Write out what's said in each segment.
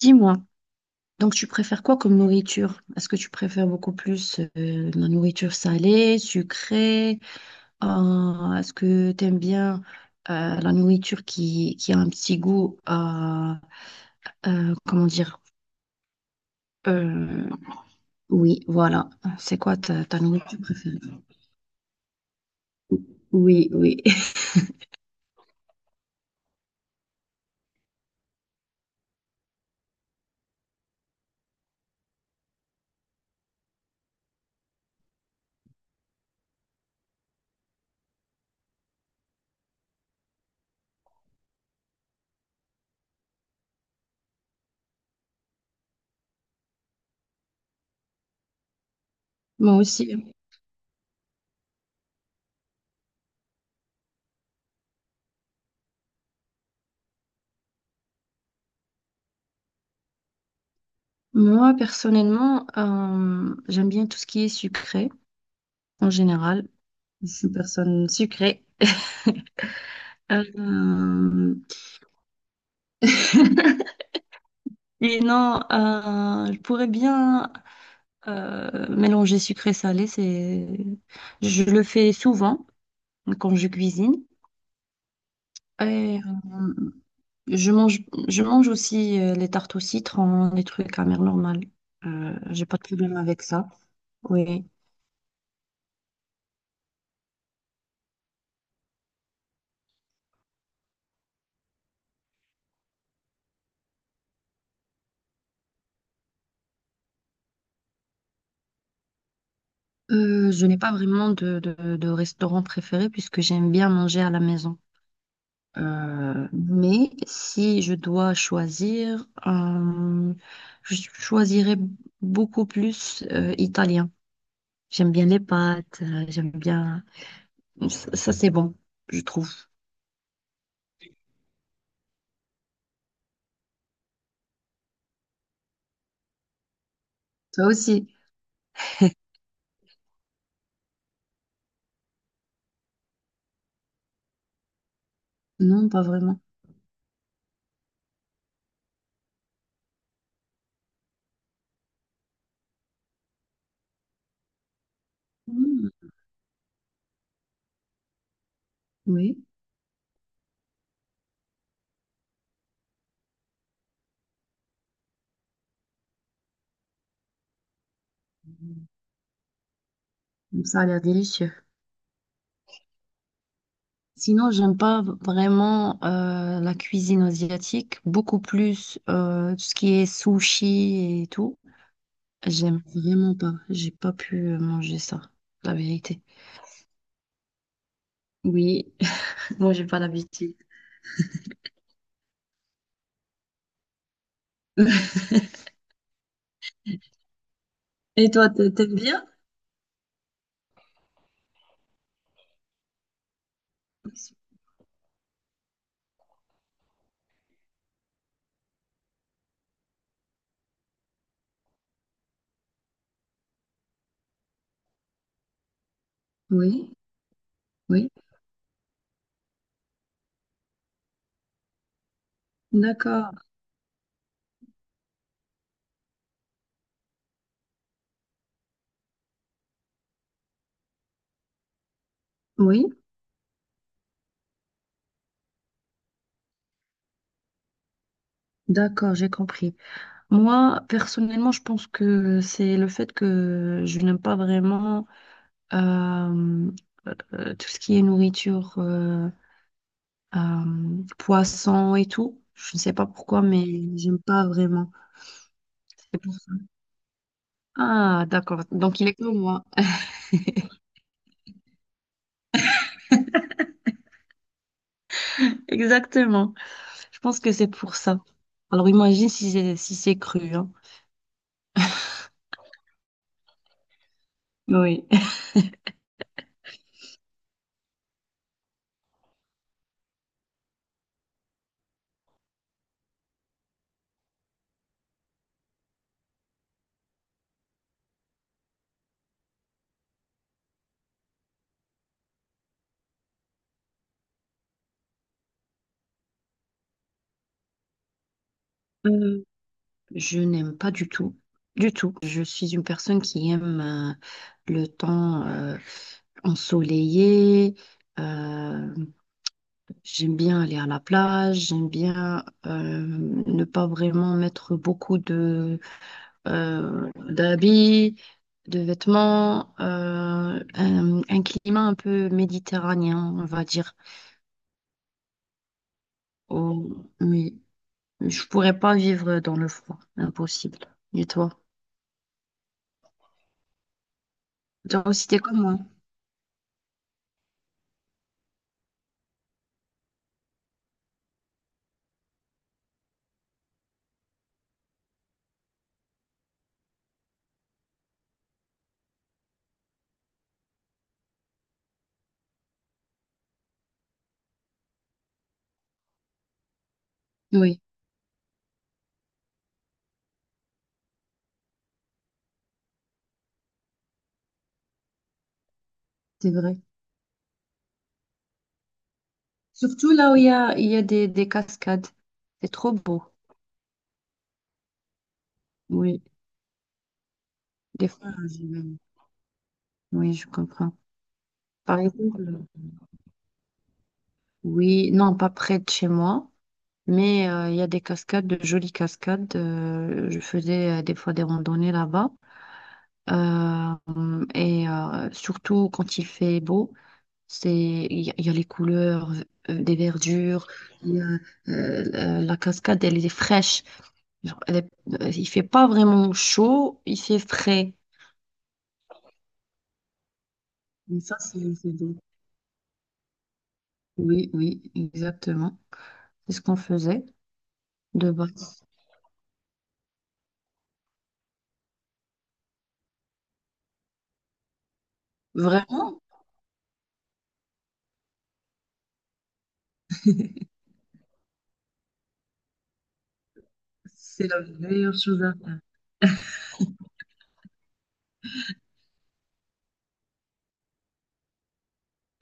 Dis-moi, donc tu préfères quoi comme nourriture? Est-ce que tu préfères beaucoup plus la nourriture salée, sucrée? Est-ce que tu aimes bien la nourriture qui a un petit goût, comment dire? Euh, oui, voilà. C'est quoi ta nourriture préférée? Oui, oui. Moi aussi. Moi, personnellement, j'aime bien tout ce qui est sucré en général. Je suis une personne sucrée. Euh, Et non, je pourrais bien mélanger sucré-salé. Je le fais souvent quand je cuisine. Et euh, je mange, je mange aussi les tartes au citron, les trucs à mère normale. J'ai pas de problème avec ça. Oui. Je n'ai pas vraiment de restaurant préféré puisque j'aime bien manger à la maison. Mais si je dois choisir, je choisirais beaucoup plus italien. J'aime bien les pâtes, j'aime bien... Ça, c'est bon, je trouve. Toi aussi? Non, pas vraiment. Mm, oui. Hmm, ça a l'air délicieux. Sinon, j'aime pas vraiment la cuisine asiatique, beaucoup plus tout ce qui est sushi et tout. J'aime vraiment pas. J'ai pas pu manger ça, la vérité. Oui, moi j'ai pas l'habitude. Et toi, t'aimes bien? Oui, oui, d'accord, oui, d'accord, j'ai compris. Moi, personnellement, je pense que c'est le fait que je n'aime pas vraiment euh, tout ce qui est nourriture, poisson et tout. Je ne sais pas pourquoi, mais j'aime pas vraiment. C'est pour ça. Ah, d'accord, donc il est comme moi. Exactement, je pense que c'est pour ça. Alors imagine si c'est si c'est cru, hein. Oui. Euh, je n'aime pas du tout. Du tout. Je suis une personne qui aime le temps ensoleillé. euh, j'aime bien aller à la plage. J'aime bien ne pas vraiment mettre beaucoup de d'habits, de vêtements. Un climat un peu méditerranéen, on va dire. Oh, oui. Je pourrais pas vivre dans le froid. Impossible. Et toi? Genre aussi, t'es comme moi. Oui, c'est vrai. Surtout là où il y a des cascades. C'est trop beau. Oui, des fois, j'y vais. Oui, je comprends. Par exemple, oui, non, pas près de chez moi, mais il y a des cascades, de jolies cascades. Je faisais des fois des randonnées là-bas. Surtout quand il fait beau, c'est, il y a les couleurs des verdures. Il y a, la cascade, elle est fraîche. Genre, elle est- il fait pas vraiment chaud, il fait frais. Mais ça, c'est bon. Oui, oui, exactement. C'est ce qu'on faisait de base. Vraiment, c'est la meilleure chose à faire.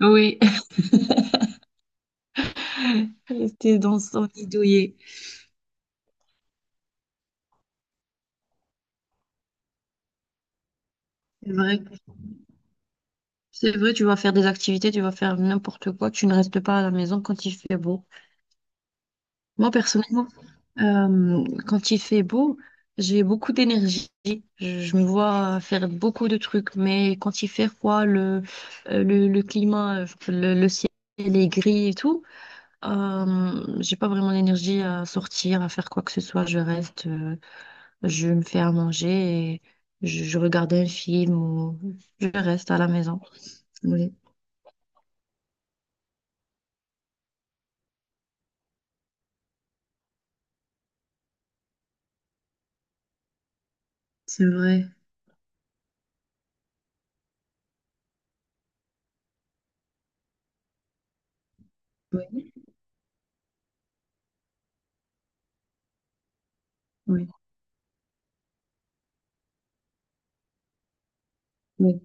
Oui, rester dans son lit douillet. C'est vrai. C'est vrai, tu vas faire des activités, tu vas faire n'importe quoi, tu ne restes pas à la maison quand il fait beau. Moi, personnellement, quand il fait beau, j'ai beaucoup d'énergie. Je me vois faire beaucoup de trucs, mais quand il fait froid, le climat, le ciel est gris et tout, j'ai pas vraiment l'énergie à sortir, à faire quoi que ce soit. Je reste, je me fais à manger et je regarde un film ou je reste à la maison. Oui, c'est vrai. Oui, oui, oui.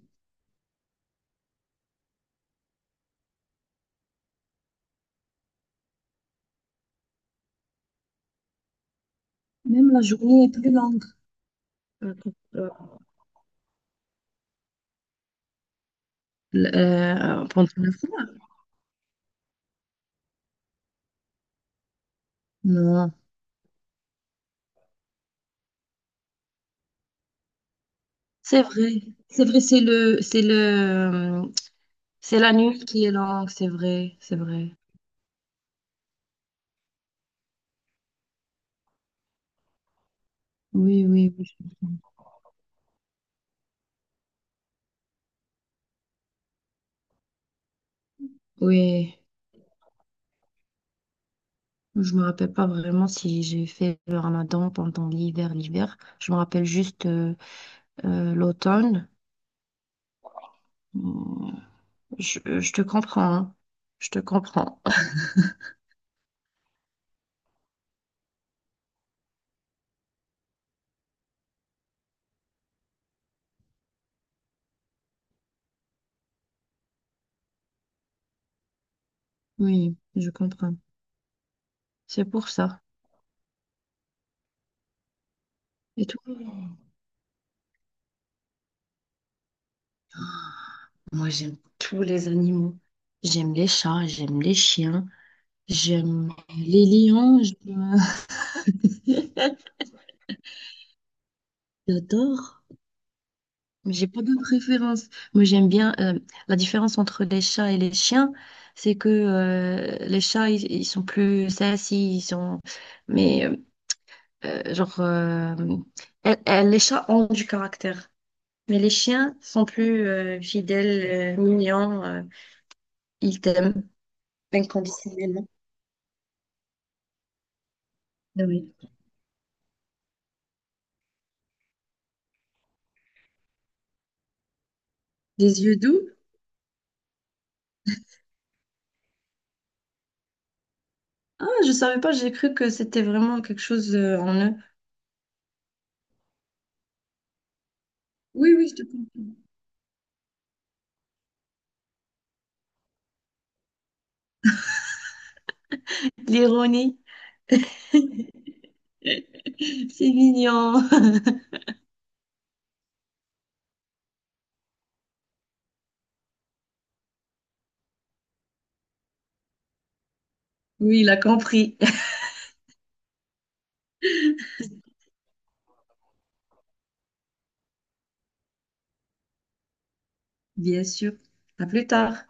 Même la journée est plus longue. Euh, pendant le froid. Non. C'est vrai, c'est vrai, c'est la nuit qui est longue, c'est vrai, c'est vrai. Oui, oui, oui. Oui. Je me rappelle pas vraiment si j'ai fait le ramadan pendant l'hiver. Je me rappelle juste l'automne. Mm. Je te comprends, hein. Je te comprends. Oui, je comprends. C'est pour ça. Et toi? Moi, j'aime tous les animaux. J'aime les chats, j'aime les chiens, j'aime les lions. J'adore. J'ai pas de préférence. Moi, j'aime bien la différence entre les chats et les chiens, c'est que les chats, ils sont plus sassy, ils sont. Mais euh, genre, euh, les chats ont du caractère, mais les chiens sont plus fidèles, mignons, ils t'aiment inconditionnellement. Ah oui. Des yeux doux. Ah, je savais pas. J'ai cru que c'était vraiment quelque chose en eux. Oui, oui, je te comprends. L'ironie, c'est mignon. Oui, il a compris. Bien sûr. À plus tard.